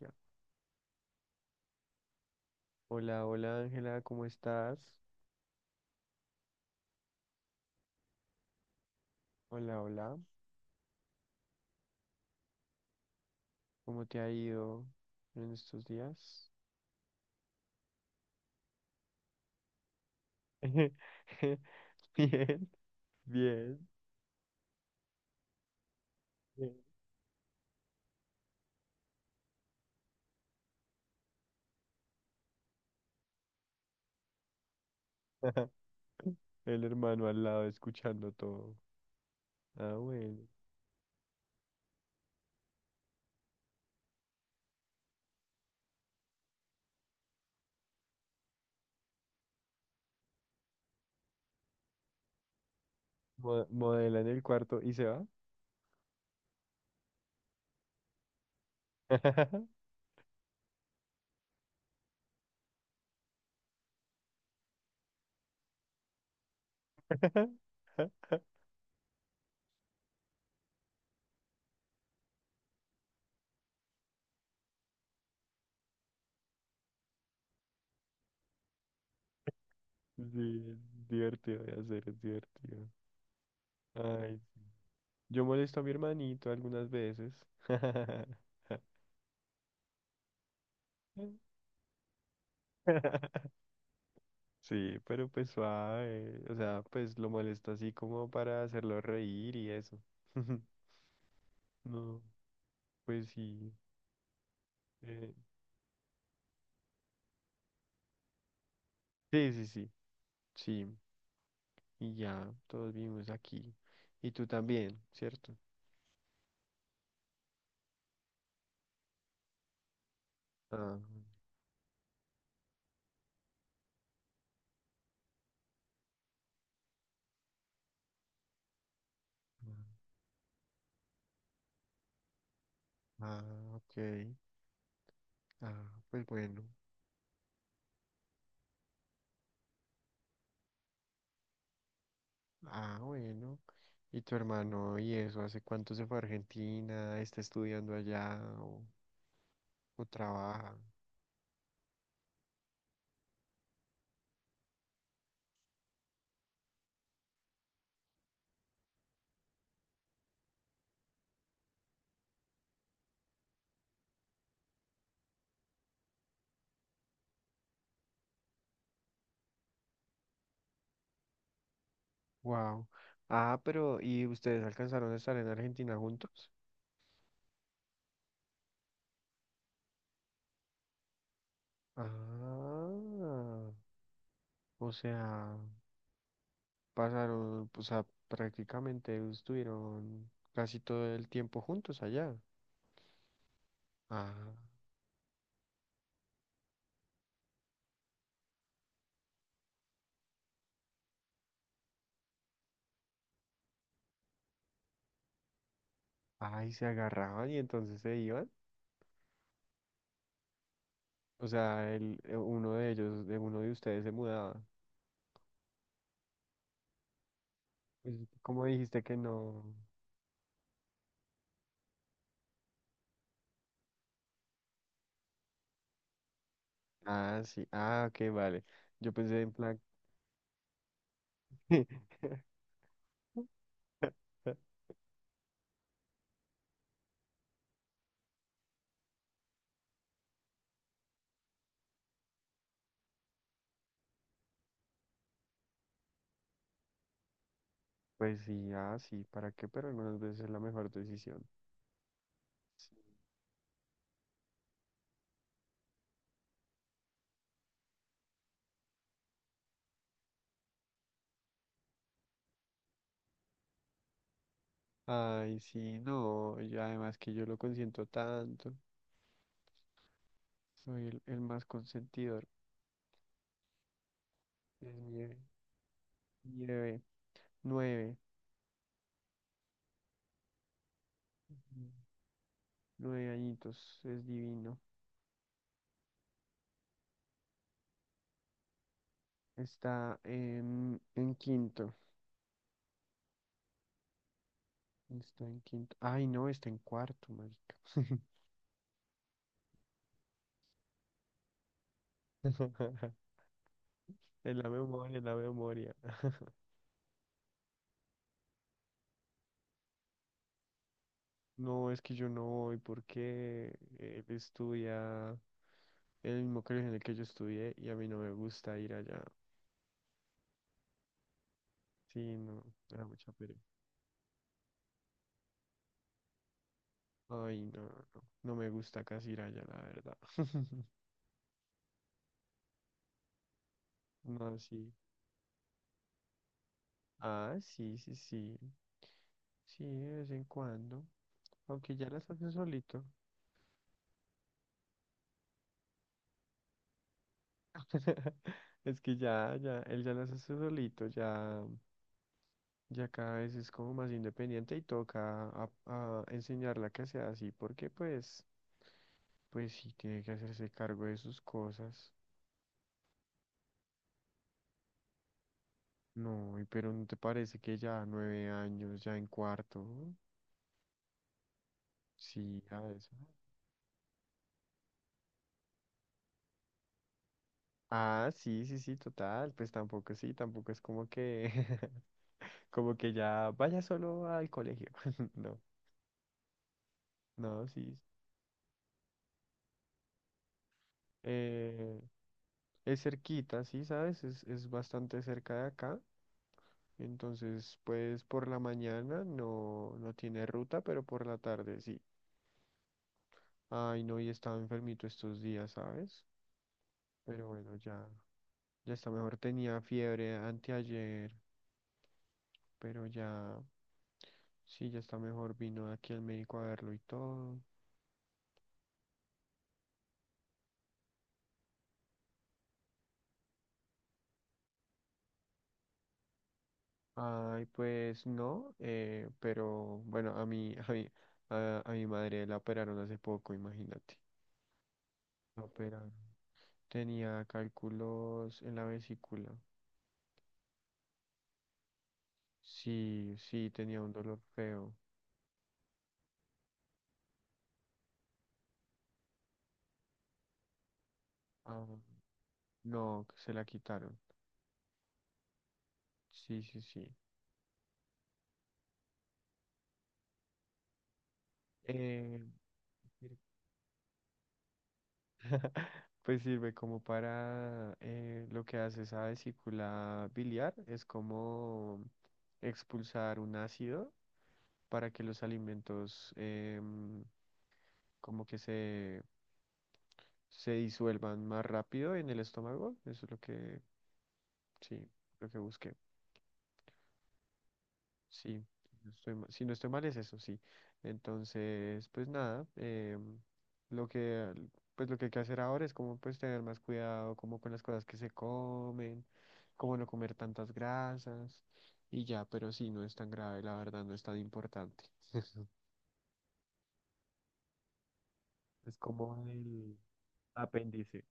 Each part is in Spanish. Ya. Hola, hola Ángela, ¿cómo estás? Hola, hola, ¿cómo te ha ido en estos días? Bien, bien, bien. El hermano al lado escuchando todo. Ah, bueno. Mo- modela en el cuarto y se va. Sí, es divertido de hacer, es divertido. Ay, yo molesto a mi hermanito algunas veces. Sí, pero pues suave. O sea, pues lo molesta así como para hacerlo reír y eso. No, pues sí. eh, sí, sí, sí. Sí. Y ya, todos vivimos aquí. Y tú también, ¿cierto? Ah, ah, ah, ok. Ah, pues bueno. Ah, bueno. ¿Y tu hermano y eso? ¿Hace cuánto se fue a Argentina? ¿Está estudiando allá o trabaja? Wow. Ah, pero ¿y ustedes alcanzaron a estar en Argentina juntos? Ah, o sea, pasaron, o sea, prácticamente estuvieron casi todo el tiempo juntos allá. Ah, ay, se agarraban y entonces se iban. O sea, el, uno de ellos, de uno de ustedes se mudaba. Pues, ¿cómo dijiste que no? Ah, sí, ah, ok, vale. Yo pensé en plan, pues sí, ah, sí, ¿para qué? Pero algunas veces es la mejor decisión. Sí. Ay, sí, no, y además que yo lo consiento tanto. Soy el más consentidor. Es mi bebé, mi bebé. Nueve. Ujú. Nueve añitos. Es divino. Está en quinto. Está en quinto. Ay, no, está en cuarto, marica. En la memoria, en la memoria. No, es que yo no voy porque él estudia en el mismo colegio en el que yo estudié y a mí no me gusta ir allá. Sí, no, me da mucha pereza. Ay, no, no, no me gusta casi ir allá, la verdad. No, sí. Ah, sí, sí, sí. Sí, de vez en cuando. Aunque ya las hace solito. Es que ya, ya, él ya las hace solito, ya, ya cada vez es como más independiente y toca a enseñarla que sea así, porque pues, pues sí tiene que hacerse cargo de sus cosas. No, y pero ¿no te parece que ya nueve años, ya en cuarto? Sí, a eso. Ah, sí, sí, sí, total. Pues tampoco sí, tampoco es como que como que ya vaya solo al colegio. No, no, sí. Eh, es cerquita, sí, ¿sabes? Es bastante cerca de acá. Entonces, pues por la mañana no, no tiene ruta, pero por la tarde sí. Ay, no, y estaba enfermito estos días, ¿sabes? Pero bueno, ya, ya está mejor. Tenía fiebre anteayer, pero ya, sí, ya está mejor. Vino aquí el médico a verlo y todo. Ay, pues no, pero bueno, a mi, a mi madre la operaron hace poco, imagínate. La operaron. Tenía cálculos en la vesícula. Sí, sí, tenía un dolor feo. Ah, no, que se la quitaron. Sí, sí, sí. Eh, sir- pues sirve como para lo que hace esa vesícula biliar, es como expulsar un ácido para que los alimentos como que se disuelvan más rápido en el estómago. Eso es lo que, sí, lo que busqué. Sí, no estoy ma- si no estoy mal es eso, sí. Entonces, pues nada, lo que, pues lo que hay que hacer ahora es como pues tener más cuidado como con las cosas que se comen, como no comer tantas grasas y ya, pero sí, no es tan grave, la verdad, no es tan importante. Es como el, apéndice.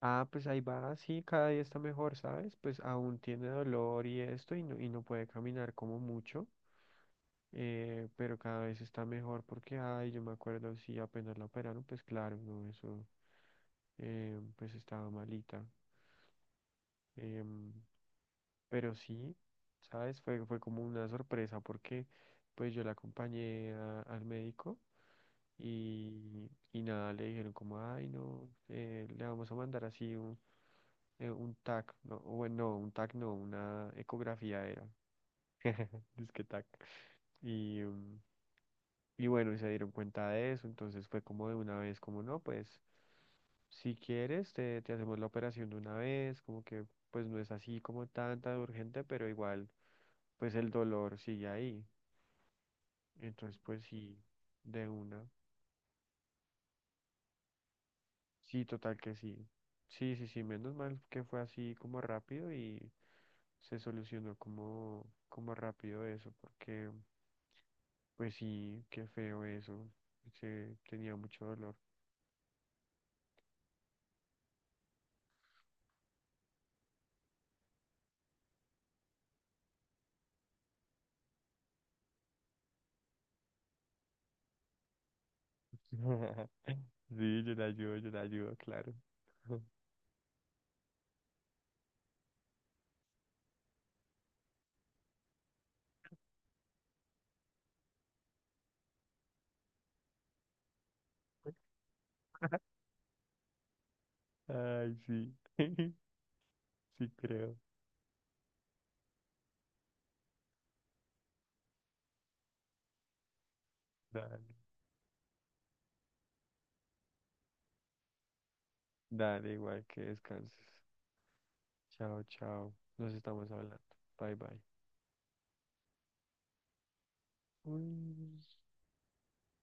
Ah, pues ahí va, sí, cada día está mejor, ¿sabes? Pues aún tiene dolor y esto y no puede caminar como mucho, pero cada vez está mejor porque, ay, yo me acuerdo, sí, apenas la operaron, pues claro, no, eso, pues estaba malita. em, pero sí, ¿sabes? Fue, fue como una sorpresa porque pues yo la acompañé a- al médico y nada, le dijeron como, ay, no, le vamos a mandar así un TAC, no, bueno, no, un TAC no, una ecografía era. Disque TAC. Y, mm, y bueno, y se dieron cuenta de eso, entonces fue como de una vez, como no, pues si quieres, te hacemos la operación de una vez, como que pues no es así como tanta de urgente, pero igual, pues el dolor sigue ahí. Entonces, pues sí, de una. Sí, total que sí. Sí, sí, sí, menos mal que fue así como rápido y se solucionó como, como rápido eso, porque... Pues sí, qué feo eso. Se tenía mucho dolor. Sí, yo la ayudo, claro. Ay, sí. Sí creo. Dale. Dale, igual que descanses. Chao, chao. Nos estamos hablando. Bye, bye. Uy.